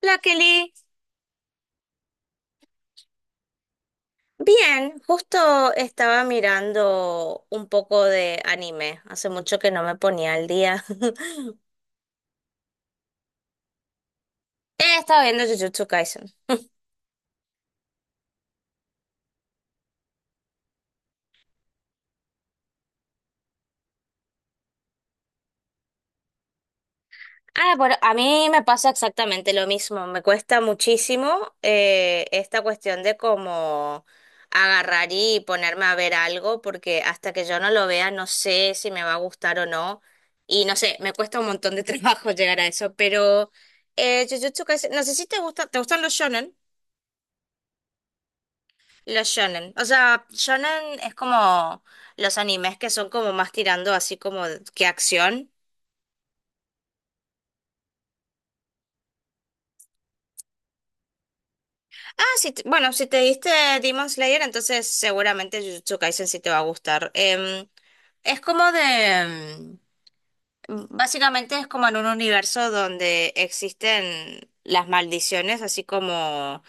La Kelly, bien, justo estaba mirando un poco de anime. Hace mucho que no me ponía al día. Estaba viendo Jujutsu Kaisen. Ah, bueno, a mí me pasa exactamente lo mismo. Me cuesta muchísimo esta cuestión de cómo agarrar y ponerme a ver algo, porque hasta que yo no lo vea no sé si me va a gustar o no. Y no sé, me cuesta un montón de trabajo llegar a eso, pero Jujutsu Kaisen, no sé si te gusta, ¿te gustan los shonen? Los shonen. O sea, shonen es como los animes que son como más tirando así como que acción. Ah, sí, bueno, si te diste Demon Slayer, entonces seguramente Jujutsu Kaisen sí te va a gustar. Es como de... básicamente es como en un universo donde existen las maldiciones, así como,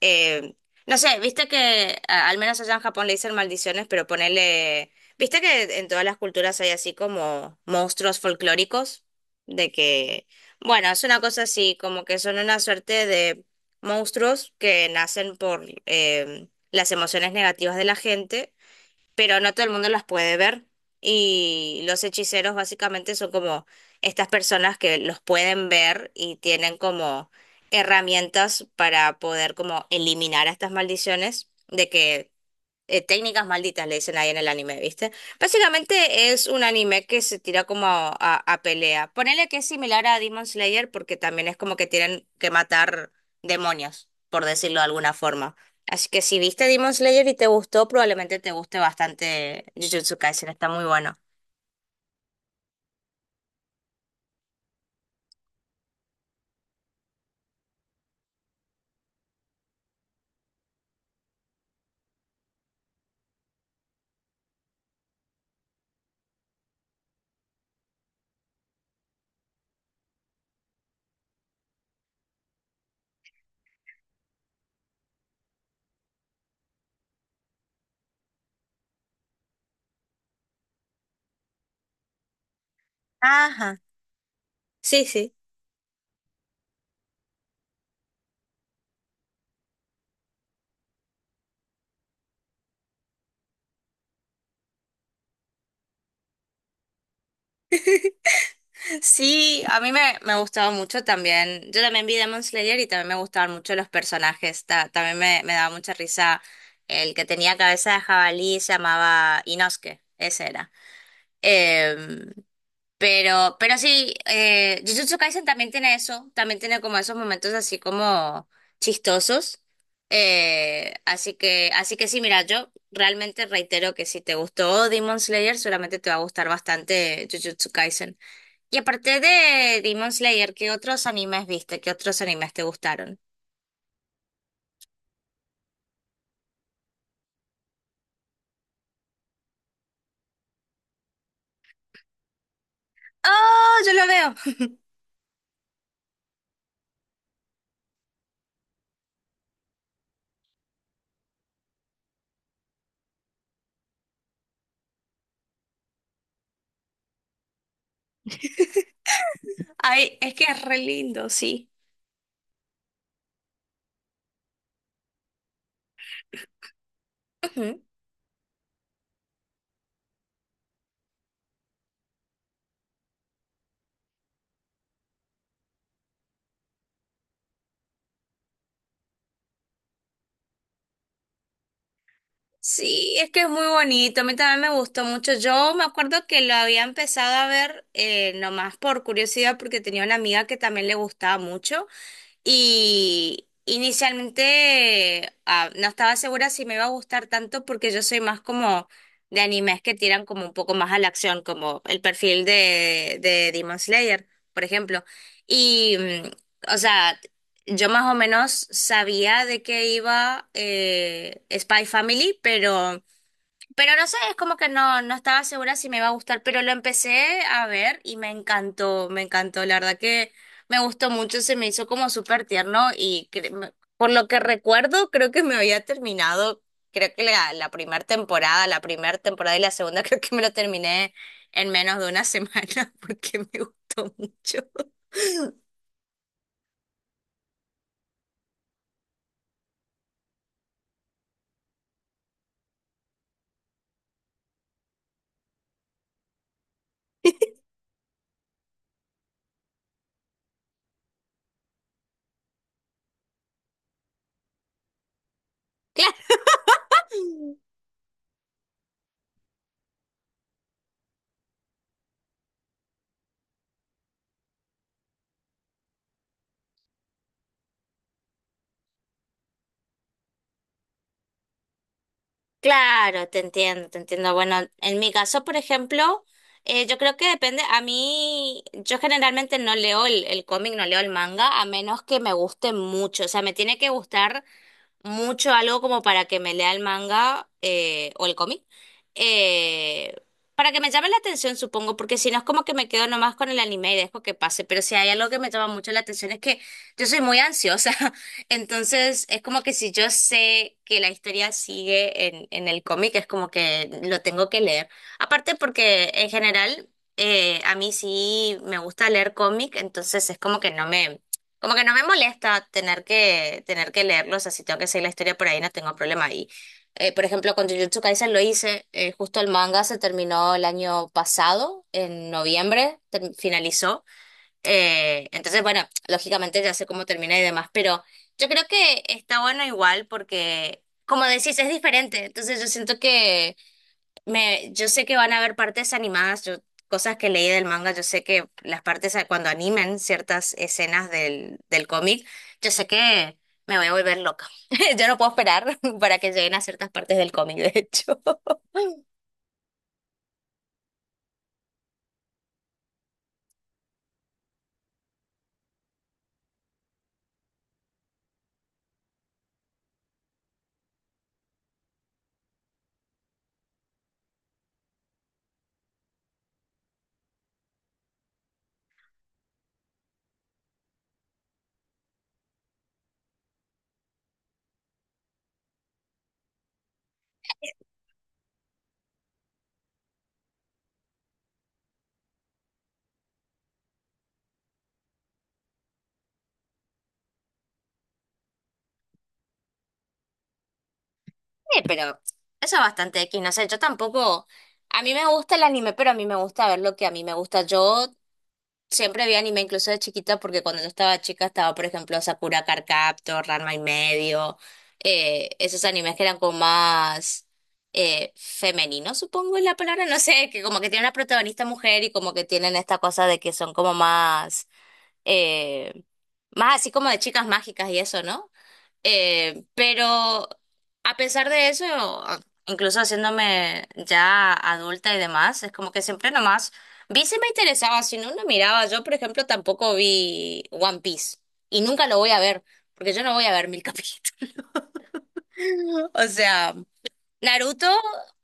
eh, no sé, viste que al menos allá en Japón le dicen maldiciones, pero ponele, viste que en todas las culturas hay así como monstruos folclóricos, de que, bueno, es una cosa así, como que son una suerte de monstruos que nacen por las emociones negativas de la gente pero no todo el mundo las puede ver. Y los hechiceros básicamente son como estas personas que los pueden ver y tienen como herramientas para poder como eliminar a estas maldiciones, de que técnicas malditas, le dicen ahí en el anime, ¿viste? Básicamente es un anime que se tira como a pelea. Ponele que es similar a Demon Slayer porque también es como que tienen que matar demonios, por decirlo de alguna forma. Así que si viste Demon Slayer y te gustó, probablemente te guste bastante Jujutsu Kaisen, está muy bueno. Ajá. Sí, sí. Sí, me gustaba mucho también. Yo también vi Demon Slayer y también me gustaban mucho los personajes. Me daba mucha risa el que tenía cabeza de jabalí, se llamaba Inosuke, ese era. Em, pero sí, Jujutsu Kaisen también tiene eso, también tiene como esos momentos así como chistosos. Así que sí, mira, yo realmente reitero que si te gustó Demon Slayer, seguramente te va a gustar bastante Jujutsu Kaisen. Y aparte de Demon Slayer, ¿qué otros animes viste? ¿Qué otros animes te gustaron? ¡Ah! Yo lo veo. Ay, es que es re lindo, sí. Ujú. Sí, es que es muy bonito. A mí también me gustó mucho. Yo me acuerdo que lo había empezado a ver nomás por curiosidad porque tenía una amiga que también le gustaba mucho. Y inicialmente ah, no estaba segura si me iba a gustar tanto porque yo soy más como de animes que tiran como un poco más a la acción, como el perfil de Demon Slayer, por ejemplo. Y, mm, o sea, yo más o menos sabía de qué iba Spy Family, pero... Pero no sé, es como que no estaba segura si me iba a gustar, pero lo empecé a ver y me encantó, la verdad que me gustó mucho, se me hizo como súper tierno y por lo que recuerdo creo que me había terminado, creo que la primera temporada y la segunda creo que me lo terminé en menos de una semana porque me gustó mucho. Claro. Claro, te entiendo, te entiendo. Bueno, en mi caso, por ejemplo, yo creo que depende. A mí, yo generalmente no leo el cómic, no leo el manga, a menos que me guste mucho. O sea, me tiene que gustar mucho algo como para que me lea el manga o el cómic. eh, para que me llame la atención, supongo, porque si no es como que me quedo nomás con el anime y dejo que pase. Pero si hay algo que me llama mucho la atención es que yo soy muy ansiosa, entonces es como que si yo sé que la historia sigue en el cómic, es como que lo tengo que leer. Aparte porque en general a mí sí me gusta leer cómic, entonces es como que como que no me molesta tener que leerlo, o sea, si tengo que seguir la historia por ahí no tengo problema. Y por ejemplo, con Jujutsu Kaisen lo hice, justo el manga se terminó el año pasado, en noviembre, finalizó. Entonces, bueno, lógicamente ya sé cómo termina y demás, pero yo creo que está bueno igual porque, como decís, es diferente. Entonces yo siento que yo sé que van a haber partes animadas, yo, cosas que leí del manga, yo sé que las partes cuando animen ciertas escenas del cómic, yo sé que me voy a volver loca. Yo no puedo esperar para que lleguen a ciertas partes del cómic, de hecho. Sí, pero eso es bastante X, no sé, yo tampoco, a mí me gusta el anime, pero a mí me gusta ver lo que a mí me gusta. Yo siempre vi anime incluso de chiquita porque cuando yo estaba chica estaba, por ejemplo, Sakura Card Captor, Ranma y medio, esos animes que eran como más femeninos, supongo es la palabra, no sé, que como que tienen una protagonista mujer y como que tienen esta cosa de que son como más eh, más así como de chicas mágicas y eso, ¿no? Pero a pesar de eso, incluso haciéndome ya adulta y demás, es como que siempre nomás vi si me interesaba, si no, no miraba. Yo, por ejemplo, tampoco vi One Piece y nunca lo voy a ver, porque yo no voy a ver mil capítulos. O sea, Naruto,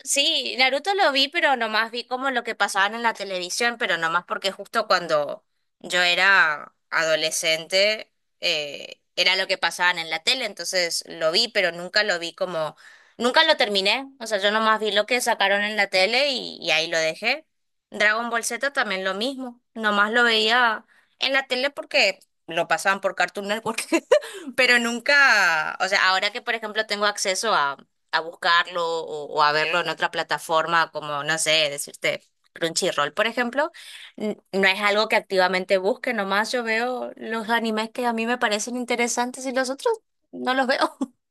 sí, Naruto lo vi, pero nomás vi como lo que pasaban en la televisión, pero nomás porque justo cuando yo era adolescente era lo que pasaban en la tele, entonces lo vi, pero nunca lo vi como, nunca lo terminé, o sea, yo nomás vi lo que sacaron en la tele y ahí lo dejé. Dragon Ball Z también lo mismo, nomás lo veía en la tele porque lo pasaban por Cartoon Network, pero nunca, o sea, ahora que por ejemplo tengo acceso a buscarlo o a verlo en otra plataforma, como, no sé, decirte Crunchyroll, por ejemplo, no es algo que activamente busque, nomás yo veo los animes que a mí me parecen interesantes y los otros no los veo.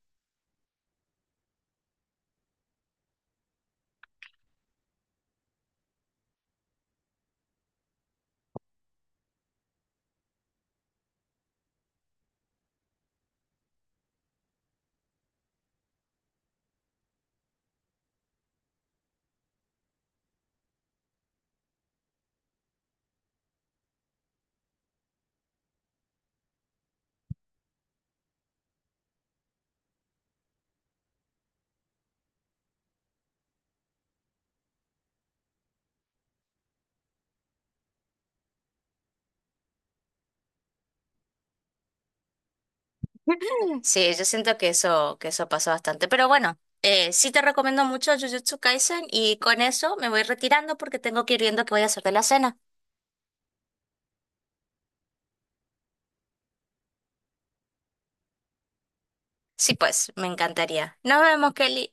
Sí, yo siento que eso pasó bastante, pero bueno. Sí te recomiendo mucho Jujutsu Kaisen y con eso me voy retirando porque tengo que ir viendo qué voy a hacer de la cena. Sí, pues, me encantaría. Nos vemos, Kelly.